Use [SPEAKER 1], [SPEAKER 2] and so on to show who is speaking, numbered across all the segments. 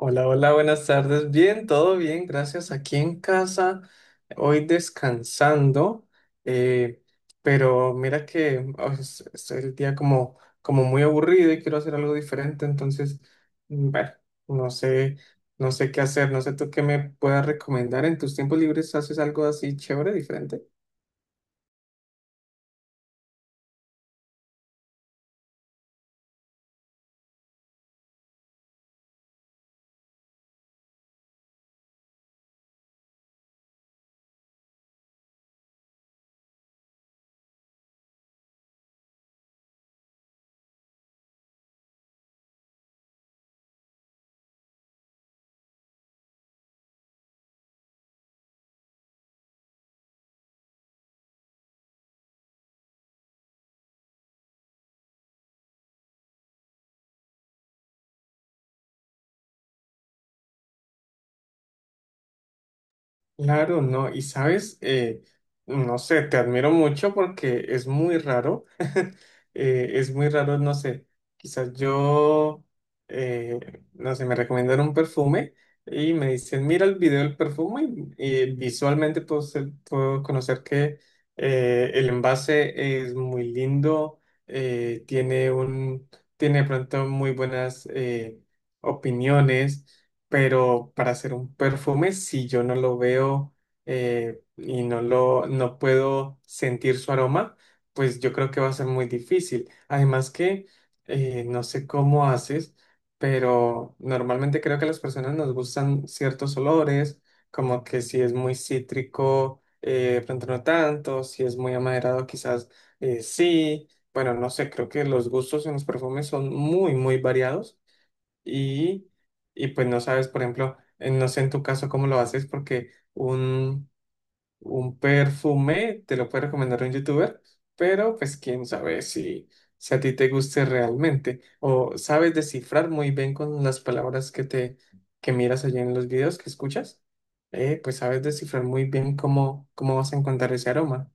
[SPEAKER 1] Hola, hola, buenas tardes. Bien, todo bien, gracias. Aquí en casa, hoy descansando. eh, pero mira que oh, es el día como como muy aburrido y quiero hacer algo diferente. Entonces, bueno, no sé, no sé qué hacer, no sé tú qué me puedas recomendar. ¿En tus tiempos libres haces algo así chévere, diferente? Claro, no, y sabes, no sé, te admiro mucho porque es muy raro. Es muy raro, no sé, quizás yo, eh, no sé, me recomendaron un perfume y me dicen, mira el video del perfume y visualmente puedo, puedo conocer que el envase es muy lindo, eh, tiene un, tiene de pronto muy buenas opiniones, pero para hacer un perfume, si yo no lo veo, y no puedo sentir su aroma, pues yo creo que va a ser muy difícil. Además que no sé cómo haces, pero normalmente creo que a las personas nos gustan ciertos olores, como que si es muy cítrico, de pronto no tanto, si es muy amaderado, quizás, sí. Bueno, no sé, creo que los gustos en los perfumes son muy muy variados, y, y pues no sabes, por ejemplo, no sé en tu caso cómo lo haces porque un perfume te lo puede recomendar un youtuber, pero pues quién sabe si a ti te guste realmente o sabes descifrar muy bien con las palabras que te que miras allí en los videos que escuchas. Pues sabes descifrar muy bien cómo, cómo vas a encontrar ese aroma.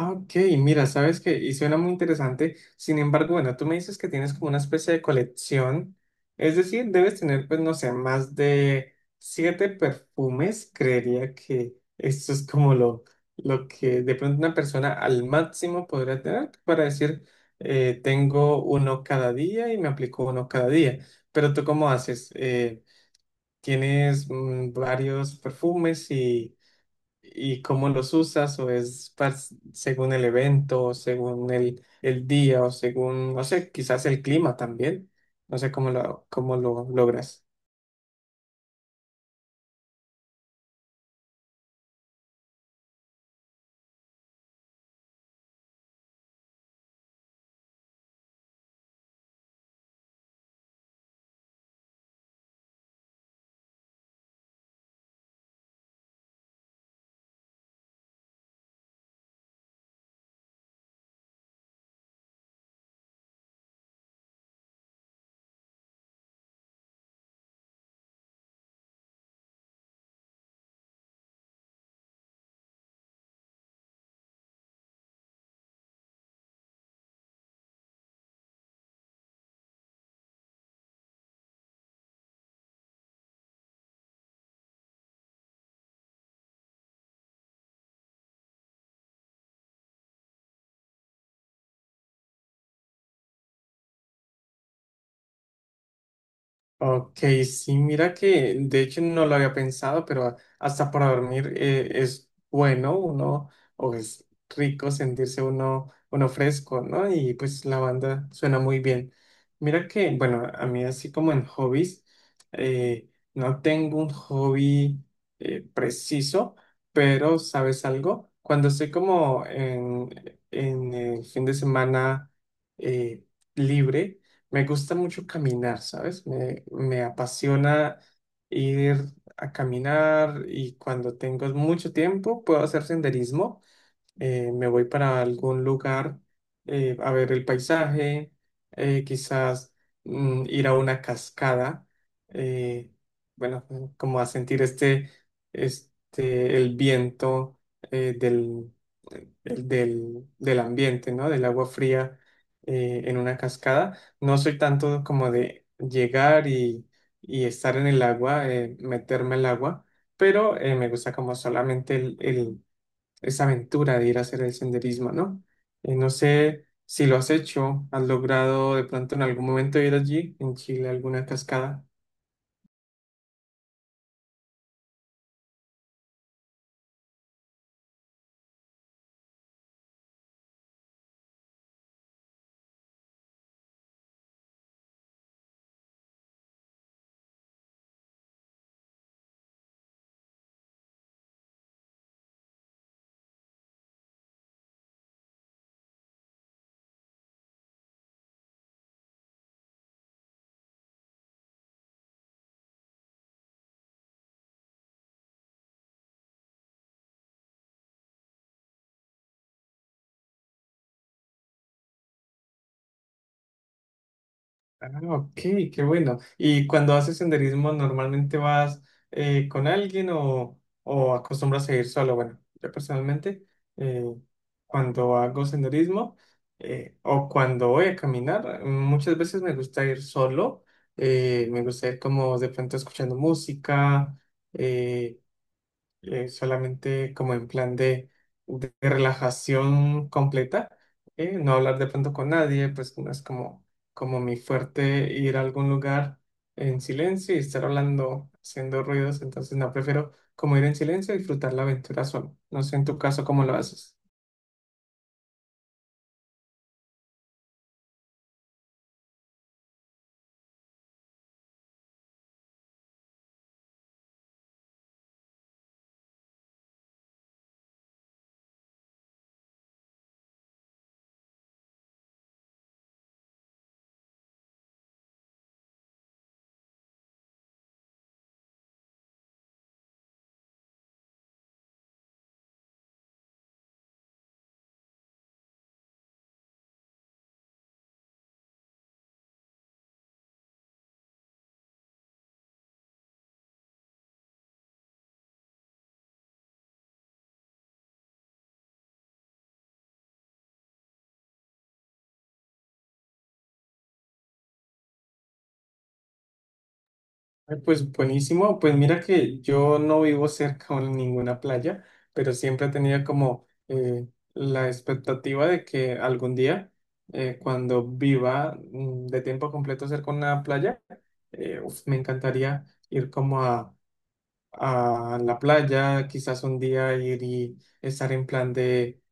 [SPEAKER 1] Ah, ok, mira, sabes que, y suena muy interesante. Sin embargo, bueno, tú me dices que tienes como una especie de colección, es decir, debes tener, pues, no sé, más de 7 perfumes. Creería que esto es como lo que de pronto una persona al máximo podría tener para decir, tengo uno cada día y me aplico uno cada día. Pero tú, ¿cómo haces? ¿Tienes varios perfumes y cómo los usas, o es según el evento, o según el día, o según, no sé, quizás el clima también? No sé cómo cómo lo logras. Ok, sí, mira que de hecho no lo había pensado, pero hasta para dormir, es bueno uno, o es rico sentirse uno, uno fresco, ¿no? Y pues la banda suena muy bien. Mira que, bueno, a mí así como en hobbies, no tengo un hobby preciso, pero ¿sabes algo? Cuando estoy como en el fin de semana, eh, libre, me gusta mucho caminar, ¿sabes? Me apasiona ir a caminar, y cuando tengo mucho tiempo puedo hacer senderismo. Me voy para algún lugar, a ver el paisaje. Quizás ir a una cascada. eh, bueno, como a sentir este, este, el viento eh, del, el del ambiente, ¿no? Del agua fría, en una cascada. No soy tanto como de llegar y estar en el agua, meterme al agua, pero me gusta como solamente esa aventura de ir a hacer el senderismo, ¿no? No sé si lo has hecho, has logrado de pronto en algún momento ir allí, en Chile, a alguna cascada. Ah, ok, qué bueno. ¿Y cuando haces senderismo, normalmente vas con alguien o acostumbras a ir solo? Bueno, yo personalmente, eh, cuando hago senderismo o cuando voy a caminar, muchas veces me gusta ir solo. Me gusta ir como de pronto escuchando música. eh, Solamente como en plan de relajación completa. No hablar de pronto con nadie, pues no es como como mi fuerte ir a algún lugar en silencio y estar hablando, haciendo ruidos. Entonces no, prefiero como ir en silencio y disfrutar la aventura solo. No sé en tu caso cómo lo haces. Ay, pues buenísimo, pues mira que yo no vivo cerca de ninguna playa, pero siempre tenía como la expectativa de que algún día, cuando viva de tiempo completo cerca de una playa, uf, me encantaría ir como a la playa, quizás un día ir y estar en plan de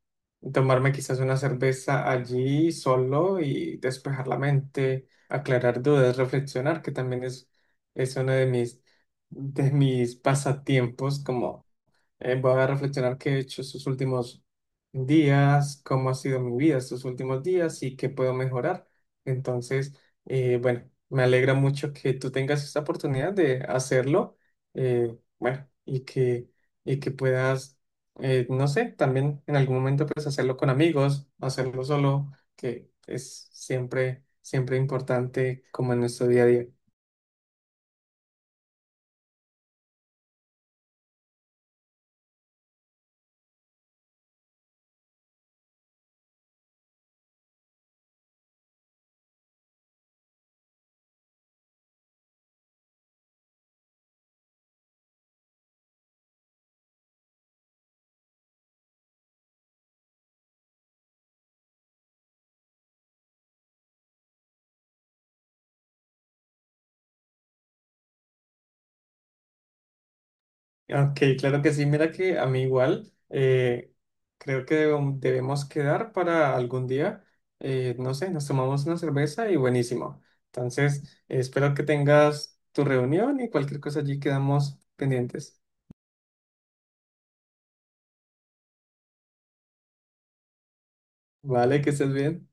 [SPEAKER 1] tomarme quizás una cerveza allí solo y despejar la mente, aclarar dudas, reflexionar, que también es uno de de mis pasatiempos. Como Voy a reflexionar qué he hecho estos últimos días, cómo ha sido mi vida estos últimos días y qué puedo mejorar. Entonces, bueno, me alegra mucho que tú tengas esta oportunidad de hacerlo. Bueno, y que puedas, no sé, también en algún momento pues hacerlo con amigos, hacerlo solo, que es siempre, siempre importante como en nuestro día a día. Ok, claro que sí. Mira que a mí igual, creo que debemos quedar para algún día. No sé, nos tomamos una cerveza y buenísimo. Entonces, espero que tengas tu reunión y cualquier cosa allí quedamos pendientes. Vale, que estés bien.